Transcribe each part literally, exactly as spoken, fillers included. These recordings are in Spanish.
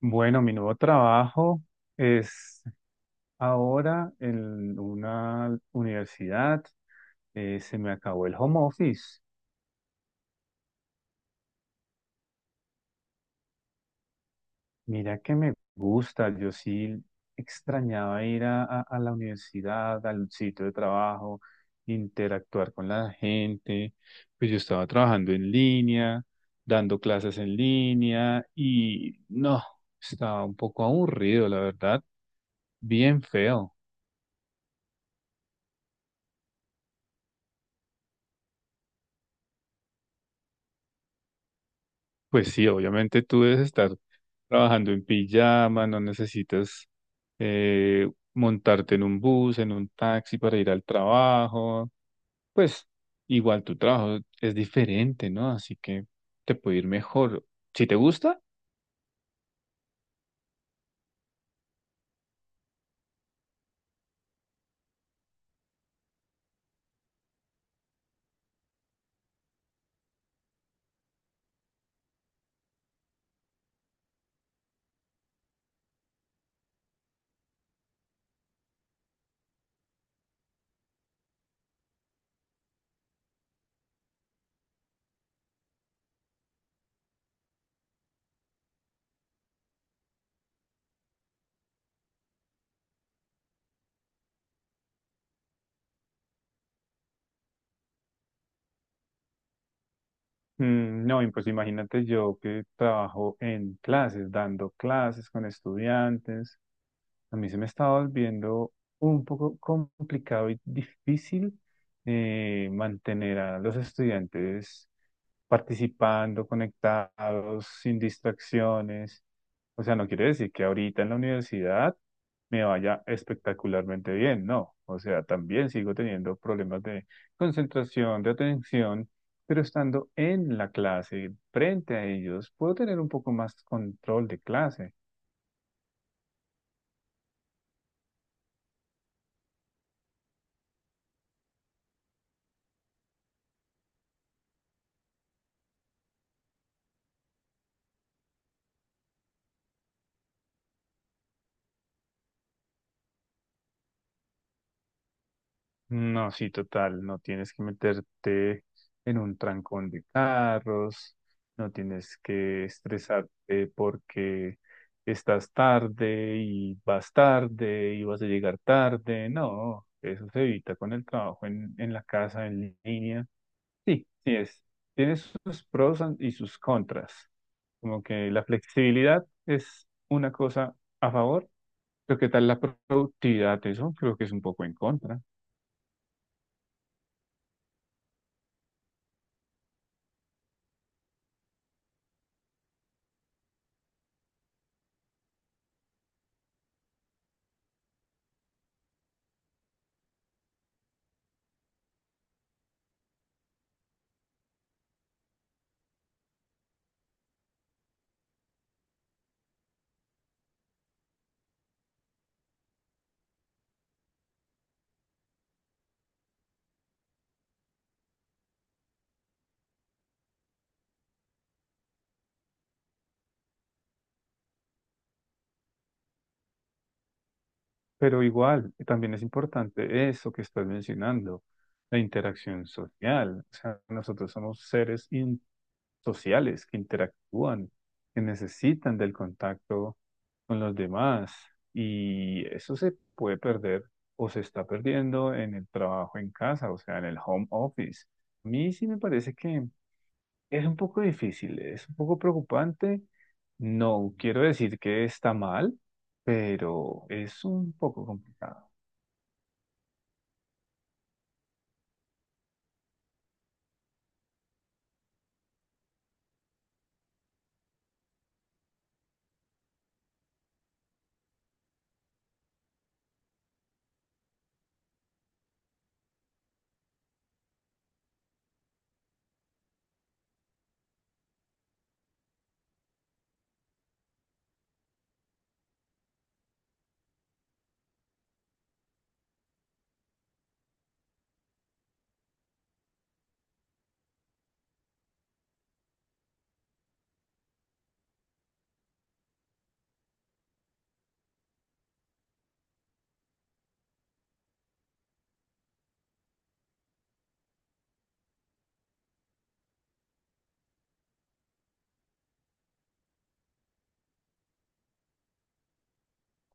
Bueno, mi nuevo trabajo es ahora en una universidad. Eh, se me acabó el home office. Mira que me gusta. Yo sí extrañaba ir a, a- a la universidad, al sitio de trabajo, interactuar con la gente. Pues yo estaba trabajando en línea, dando clases en línea y no, estaba un poco aburrido, la verdad, bien feo. Pues sí, obviamente tú debes estar trabajando en pijama, no necesitas eh, montarte en un bus, en un taxi para ir al trabajo. Pues igual tu trabajo es diferente, ¿no? Así que te puede ir mejor. Si te gusta, mm, no, y pues imagínate yo que trabajo en clases, dando clases con estudiantes. A mí se me estaba volviendo un poco complicado y difícil, eh, mantener a los estudiantes participando, conectados, sin distracciones. O sea, no quiere decir que ahorita en la universidad me vaya espectacularmente bien, no. O sea, también sigo teniendo problemas de concentración, de atención, pero estando en la clase, frente a ellos, puedo tener un poco más control de clase. No, sí, total, no tienes que meterte en un trancón de carros, no tienes que estresarte porque estás tarde y vas tarde y vas a llegar tarde, no, eso se evita con el trabajo en, en la casa, en línea. Sí, sí es, tiene sus pros an- y sus contras, como que la flexibilidad es una cosa a favor, pero ¿qué tal la productividad? Eso creo que es un poco en contra. Pero igual, también es importante eso que estás mencionando, la interacción social. O sea, nosotros somos seres in- sociales que interactúan, que necesitan del contacto con los demás. Y eso se puede perder o se está perdiendo en el trabajo en casa, o sea, en el home office. A mí sí me parece que es un poco difícil, es un poco preocupante. No quiero decir que está mal, pero es un poco complicado.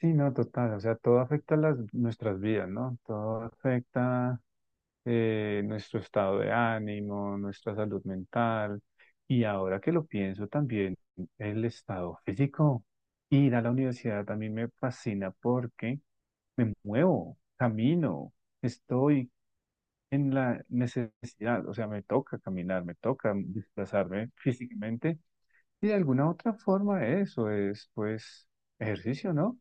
Sí, no, total, o sea, todo afecta las, nuestras vidas, ¿no? Todo afecta, eh, nuestro estado de ánimo, nuestra salud mental y ahora que lo pienso también, el estado físico. Ir a la universidad también me fascina porque me muevo, camino, estoy en la necesidad, o sea, me toca caminar, me toca desplazarme físicamente y de alguna otra forma eso es pues ejercicio, ¿no?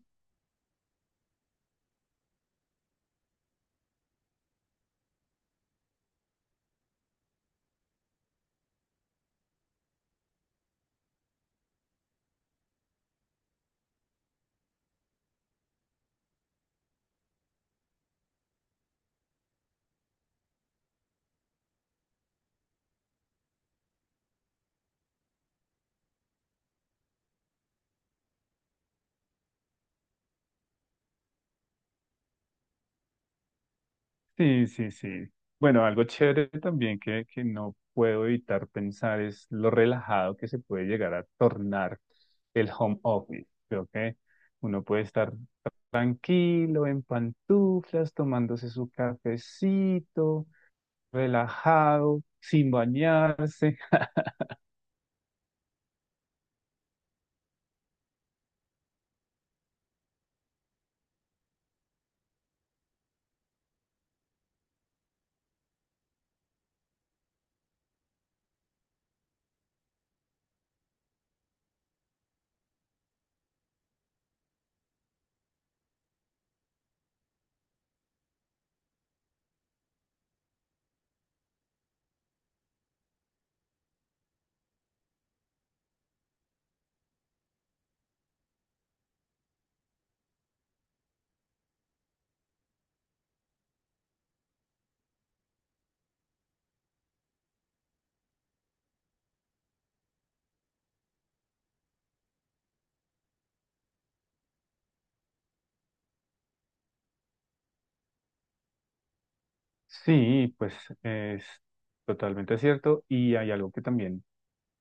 Sí, sí, sí. Bueno, algo chévere también que, que no puedo evitar pensar es lo relajado que se puede llegar a tornar el home office. Creo que uno puede estar tranquilo, en pantuflas, tomándose su cafecito, relajado, sin bañarse. Sí, pues es totalmente cierto. Y hay algo que también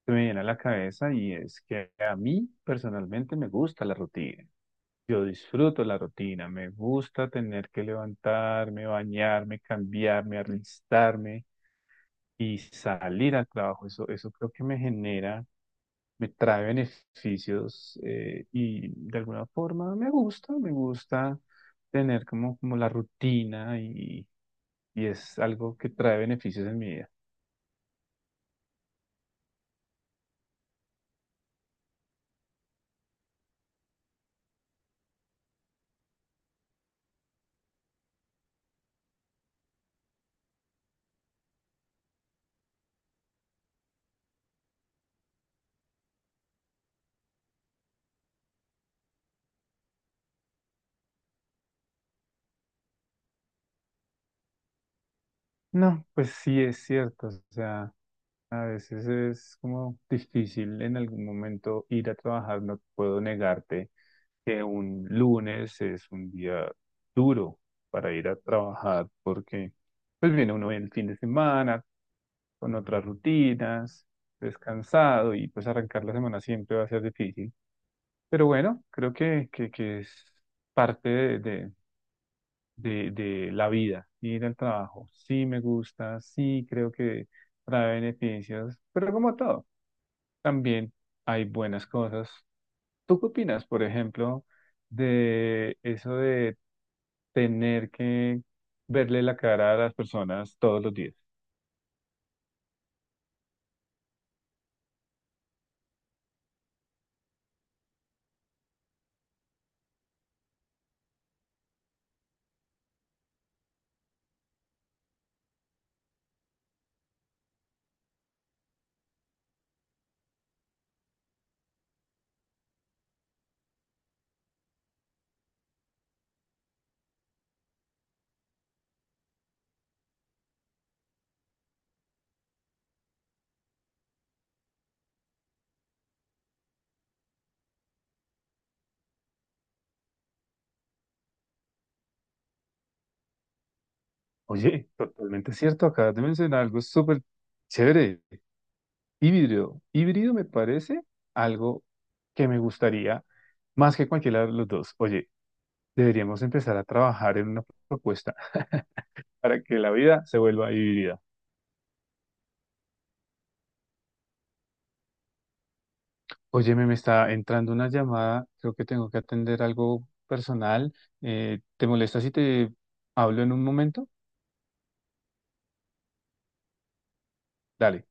se me viene a la cabeza y es que a mí personalmente me gusta la rutina. Yo disfruto la rutina, me gusta tener que levantarme, bañarme, cambiarme, arristarme y salir al trabajo. Eso, eso creo que me genera, me trae beneficios, eh, y de alguna forma me gusta, me gusta tener como, como la rutina y, y es algo que trae beneficios en mi vida. No, pues sí es cierto, o sea. A veces es como difícil en algún momento ir a trabajar, no puedo negarte que un lunes es un día duro para ir a trabajar porque pues viene uno el fin de semana con otras rutinas, descansado y pues arrancar la semana siempre va a ser difícil. Pero bueno, creo que, que, que es parte de, de, de, de la vida, ir al trabajo. Sí me gusta, sí creo que trae beneficios, pero como todo también hay buenas cosas. ¿Tú qué opinas, por ejemplo, de eso de tener que verle la cara a las personas todos los días? Oye, totalmente cierto, acabas de mencionar algo súper chévere. Híbrido. Híbrido me parece algo que me gustaría más que cualquiera de los dos. Oye, deberíamos empezar a trabajar en una propuesta para que la vida se vuelva híbrida. Óyeme, me está entrando una llamada, creo que tengo que atender algo personal. Eh, ¿te molesta si te hablo en un momento? Dale.